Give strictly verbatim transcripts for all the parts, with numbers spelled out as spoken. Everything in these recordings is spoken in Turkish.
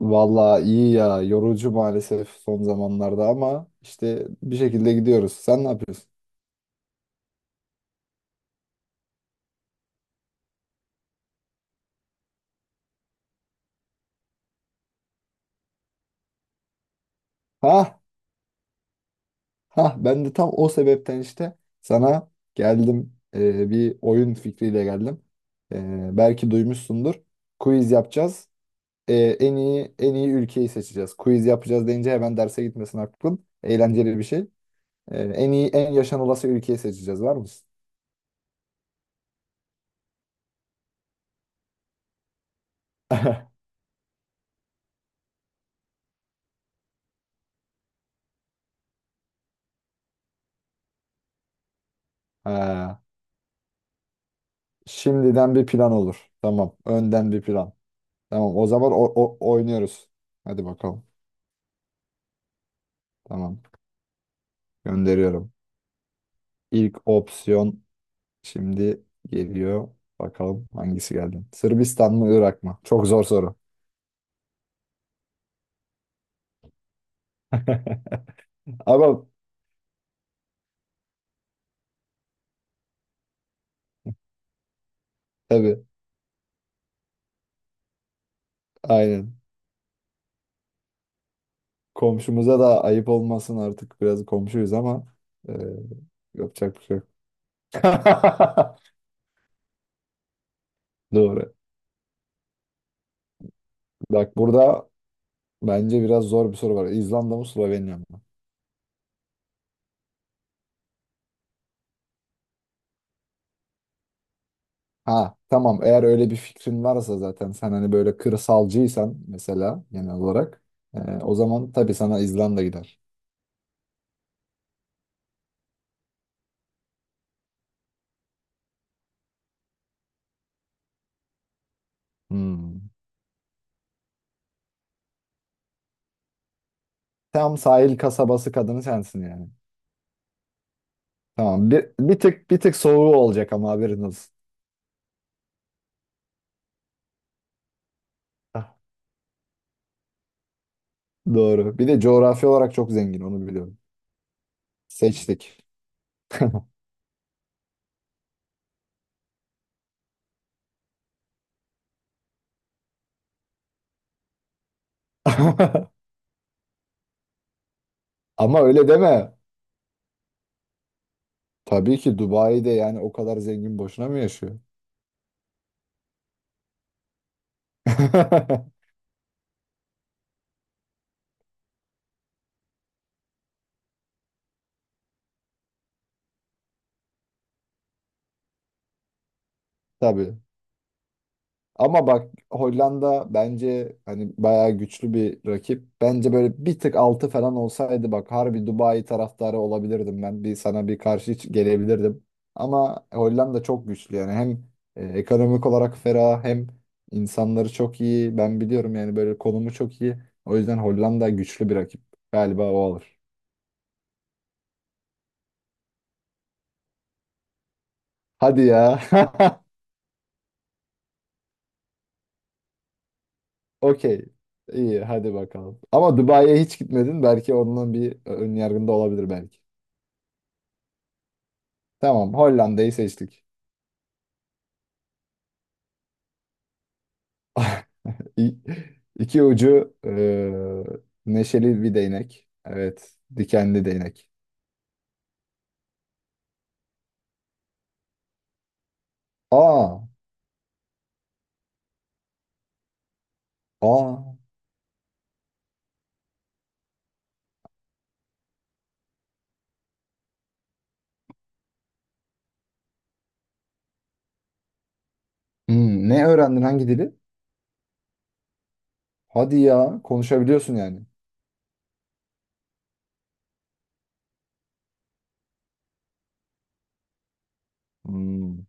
Vallahi iyi ya. Yorucu maalesef son zamanlarda ama işte bir şekilde gidiyoruz. Sen ne yapıyorsun? Ha, ha ben de tam o sebepten işte sana geldim. Ee, bir oyun fikriyle geldim. Ee, belki duymuşsundur. Quiz yapacağız. Ee, en iyi en iyi ülkeyi seçeceğiz. Quiz yapacağız deyince hemen derse gitmesin aklın. Eğlenceli bir şey. Ee, en iyi en yaşanılası ülkeyi seçeceğiz. Var mısın? Ha, şimdiden bir plan olur. Tamam. Önden bir plan. Tamam o zaman o, o- oynuyoruz. Hadi bakalım. Tamam. Gönderiyorum. İlk opsiyon şimdi geliyor. Bakalım hangisi geldi. Sırbistan mı Irak mı? Çok zor soru. Ama tabii aynen. Komşumuza da ayıp olmasın artık biraz komşuyuz ama e, yapacak bir şey yok. Doğru. Bak burada bence biraz zor bir soru var. İzlanda mı Slovenya mı? Ha tamam, eğer öyle bir fikrin varsa zaten sen hani böyle kırsalcıysan mesela genel olarak, e, o zaman tabii sana İzlanda gider. Hmm. Tam sahil kasabası kadını sensin yani. Tamam, bir, bir tık bir tık soğuğu olacak ama haberin olsun. Ah, doğru. Bir de coğrafi olarak çok zengin, onu biliyorum. Seçtik. Ama öyle deme. Tabii ki Dubai'de yani, o kadar zengin boşuna mı yaşıyor? Tabii. Ama bak Hollanda bence hani bayağı güçlü bir rakip. Bence böyle bir tık altı falan olsaydı bak harbi Dubai taraftarı olabilirdim ben. Bir sana bir karşı hiç gelebilirdim. Ama Hollanda çok güçlü yani, hem e, ekonomik olarak ferah hem insanları çok iyi. Ben biliyorum yani, böyle konumu çok iyi. O yüzden Hollanda güçlü bir rakip. Galiba o alır. Hadi ya. Okey. İyi, hadi bakalım. Ama Dubai'ye hiç gitmedin. Belki onunla bir ön yargında olabilir belki. Tamam, Hollanda'yı seçtik. İ- İki ucu eee, neşeli bir değnek. Evet, dikenli değnek. Aa, aa. Hmm, ne öğrendin, hangi dili? Hadi ya, konuşabiliyorsun yani. Hmm.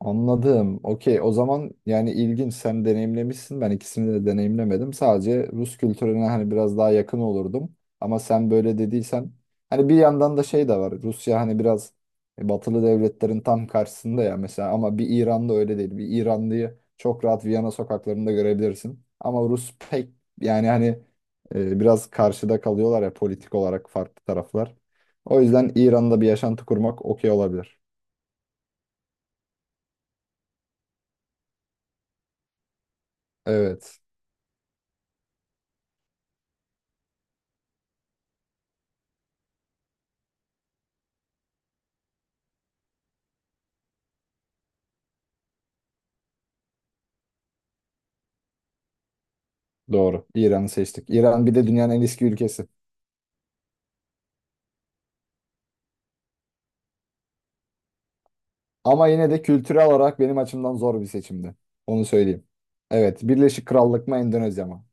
Anladım. Okey. O zaman yani ilginç. Sen deneyimlemişsin. Ben ikisini de deneyimlemedim. Sadece Rus kültürüne hani biraz daha yakın olurdum. Ama sen böyle dediysen hani bir yandan da şey de var. Rusya hani biraz e, batılı devletlerin tam karşısında ya mesela, ama bir İran'da öyle değil. Bir İranlıyı çok rahat Viyana sokaklarında görebilirsin. Ama Rus pek yani hani e, biraz karşıda kalıyorlar ya, politik olarak farklı taraflar. O yüzden İran'da bir yaşantı kurmak okey olabilir. Evet. Doğru. İran'ı seçtik. İran bir de dünyanın en eski ülkesi. Ama yine de kültürel olarak benim açımdan zor bir seçimdi. Onu söyleyeyim. Evet, Birleşik Krallık mı Endonezya mı?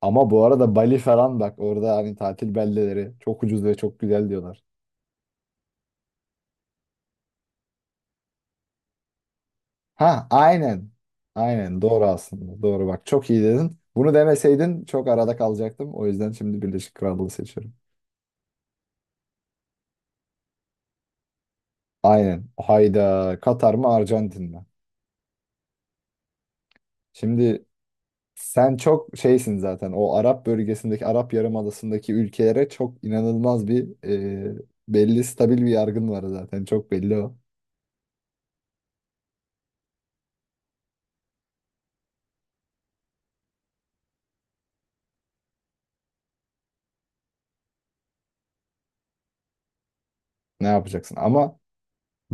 Ama bu arada Bali falan bak, orada hani tatil beldeleri çok ucuz ve çok güzel diyorlar. Ha, aynen. Aynen, doğru aslında. Doğru, bak çok iyi dedin. Bunu demeseydin çok arada kalacaktım. O yüzden şimdi Birleşik Krallığı seçiyorum. Aynen. Hayda. Katar mı Arjantin mi? Şimdi sen çok şeysin zaten. O Arap bölgesindeki, Arap Yarımadası'ndaki ülkelere çok inanılmaz bir e, belli stabil bir yargın var zaten. Çok belli o. Ne yapacaksın? Ama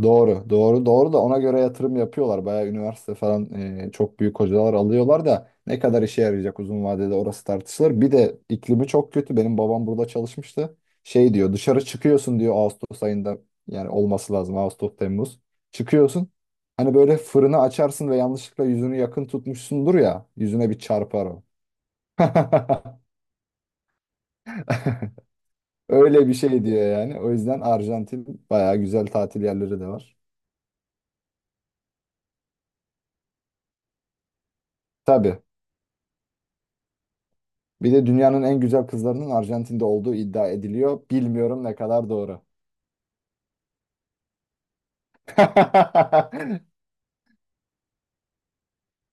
doğru, doğru, doğru da ona göre yatırım yapıyorlar. Bayağı üniversite falan e, çok büyük hocalar alıyorlar da ne kadar işe yarayacak uzun vadede, orası tartışılır. Bir de iklimi çok kötü. Benim babam burada çalışmıştı. Şey diyor, dışarı çıkıyorsun diyor Ağustos ayında, yani olması lazım Ağustos Temmuz. Çıkıyorsun. Hani böyle fırını açarsın ve yanlışlıkla yüzünü yakın tutmuşsundur ya, yüzüne bir çarpar o. Öyle bir şey diyor yani. O yüzden Arjantin, bayağı güzel tatil yerleri de var. Tabii. Bir de dünyanın en güzel kızlarının Arjantin'de olduğu iddia ediliyor. Bilmiyorum ne kadar doğru.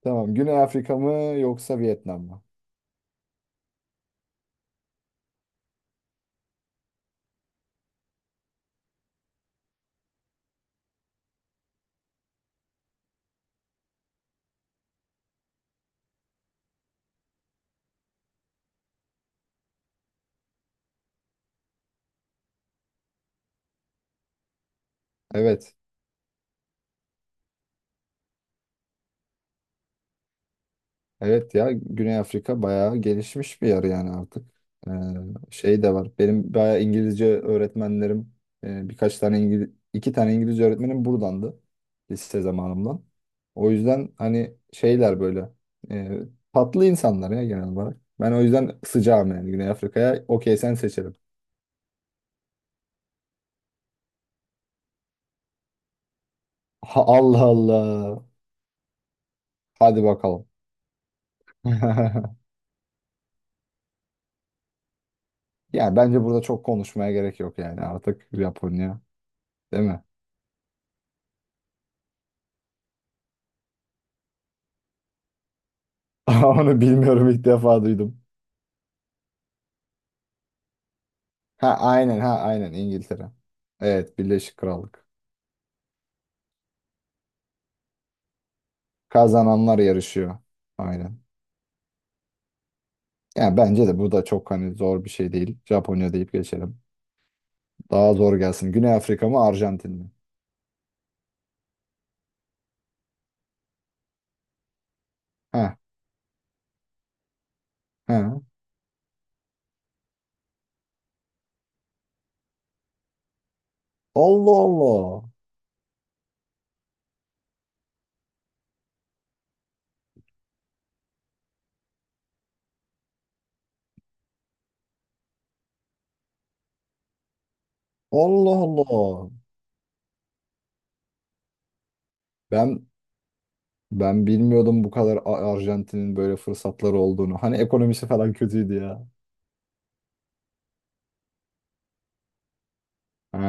Tamam. Güney Afrika mı yoksa Vietnam mı? Evet. Evet ya, Güney Afrika bayağı gelişmiş bir yer yani artık. Ee, Şey de var. Benim bayağı İngilizce öğretmenlerim, e, birkaç tane İngiliz, iki tane İngilizce öğretmenim buradandı. Lise zamanımdan. O yüzden hani şeyler böyle e, tatlı insanlar ya genel olarak. Ben o yüzden sıcağım yani Güney Afrika'ya. Okey, sen seçelim. Ha, Allah Allah. Hadi bakalım. Yani bence burada çok konuşmaya gerek yok yani artık Japonya, değil mi? Onu bilmiyorum, ilk defa duydum. Ha aynen, ha aynen İngiltere. Evet, Birleşik Krallık. Kazananlar yarışıyor. Aynen. Yani bence de bu da çok hani zor bir şey değil. Japonya deyip geçelim. Daha zor gelsin. Güney Afrika mı Arjantin mi? Ha ha. Allah Allah. Allah Allah. Ben Ben bilmiyordum bu kadar A- Arjantin'in böyle fırsatları olduğunu. Hani ekonomisi falan kötüydü ya. Ha,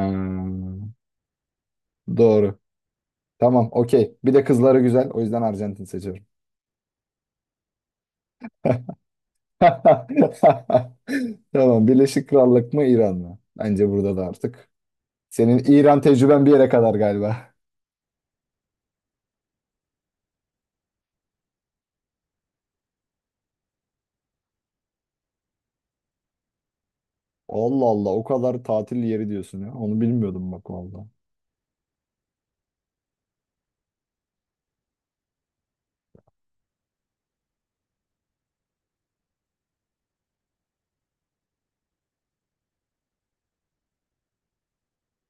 doğru. Tamam, okey. Bir de kızları güzel. O yüzden Arjantin seçiyorum. Tamam, Birleşik Krallık mı İran mı? Bence burada da artık. Senin İran tecrüben bir yere kadar galiba. Allah Allah, o kadar tatil yeri diyorsun ya. Onu bilmiyordum bak valla.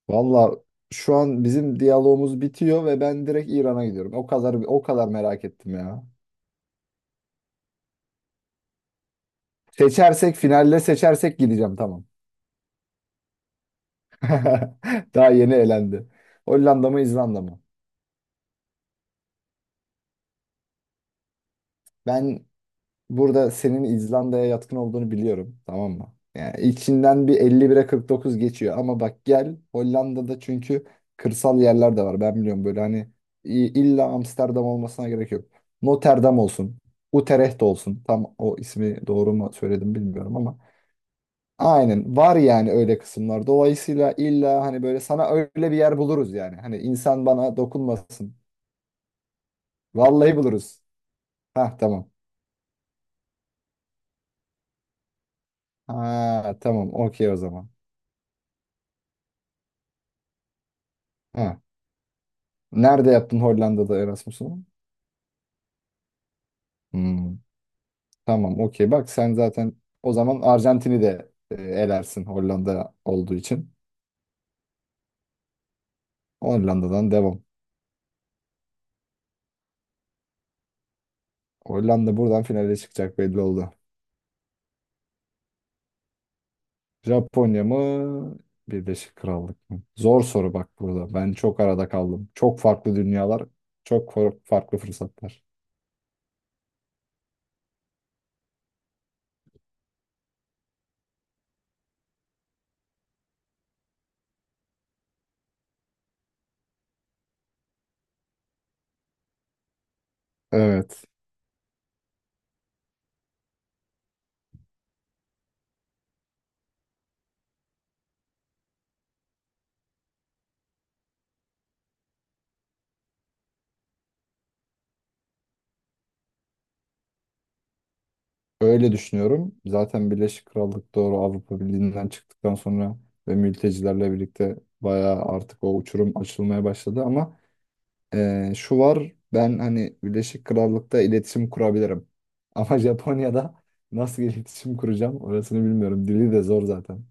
Valla şu an bizim diyalogumuz bitiyor ve ben direkt İran'a gidiyorum. O kadar, o kadar merak ettim ya. Seçersek, finalde seçersek gideceğim tamam. Daha yeni elendi. Hollanda mı İzlanda mı? Ben burada senin İzlanda'ya yatkın olduğunu biliyorum tamam mı? Yani içinden bir elli bire kırk dokuz geçiyor ama bak gel Hollanda'da çünkü kırsal yerler de var ben biliyorum, böyle hani i- illa Amsterdam olmasına gerek yok. Rotterdam olsun, Utrecht olsun, tam o ismi doğru mu söyledim bilmiyorum ama aynen, var yani öyle kısımlar. Dolayısıyla illa hani böyle, sana öyle bir yer buluruz yani. Hani insan bana dokunmasın. Vallahi buluruz. Ha tamam. Ha tamam, okey o zaman. Ha. Nerede yaptın Hollanda'da Erasmus'unu? Hmm, tamam okey, bak sen zaten o zaman Arjantin'i de e, elersin Hollanda olduğu için. Hollanda'dan devam. Hollanda buradan finale çıkacak, belli oldu. Japonya mı? Birleşik Krallık mı? Zor soru bak burada. Ben çok arada kaldım. Çok farklı dünyalar, çok fa- farklı fırsatlar. Evet. Öyle düşünüyorum. Zaten Birleşik Krallık doğru, Avrupa Birliği'nden çıktıktan sonra ve mültecilerle birlikte bayağı artık o uçurum açılmaya başladı ama eee, şu var, ben hani Birleşik Krallık'ta iletişim kurabilirim. Ama Japonya'da nasıl iletişim kuracağım orasını bilmiyorum. Dili de zor zaten.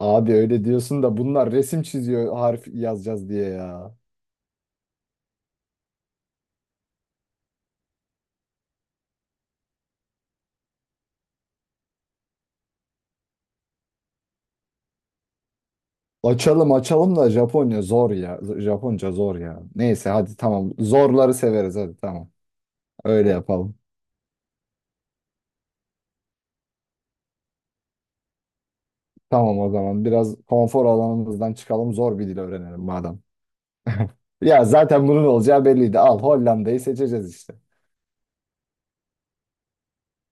Abi öyle diyorsun da bunlar resim çiziyor, harf yazacağız diye ya. Açalım açalım da Japonya zor ya. Z- Japonca zor ya. Neyse hadi tamam. Zorları severiz, hadi tamam. Öyle yapalım. Tamam o zaman, biraz konfor alanımızdan çıkalım, zor bir dil öğrenelim madem. Ya zaten bunun olacağı belliydi. Al, Hollanda'yı seçeceğiz işte.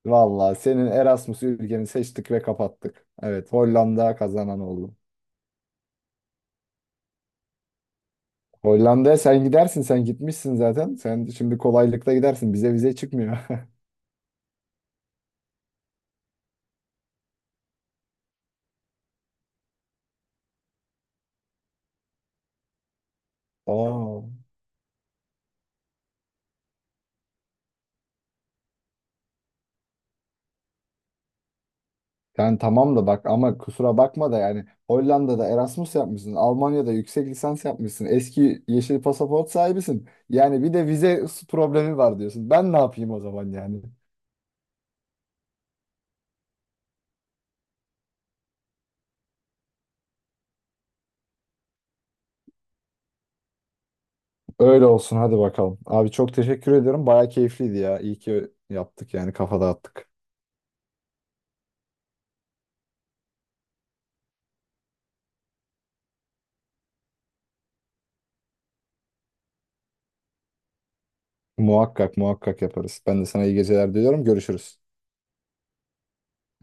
Valla senin Erasmus ülkeni seçtik ve kapattık. Evet, Hollanda kazanan oldu. Hollanda'ya sen gidersin, sen gitmişsin zaten. Sen şimdi kolaylıkla gidersin, bize vize çıkmıyor. Oo. Yani tamam da bak ama kusura bakma da yani, Hollanda'da Erasmus yapmışsın, Almanya'da yüksek lisans yapmışsın, eski yeşil pasaport sahibisin. Yani bir de vize s- problemi var diyorsun. Ben ne yapayım o zaman yani? Öyle olsun, hadi bakalım. Abi çok teşekkür ediyorum. Baya keyifliydi ya. İyi ki yaptık yani, kafa dağıttık. Muhakkak muhakkak yaparız. Ben de sana iyi geceler diliyorum. Görüşürüz.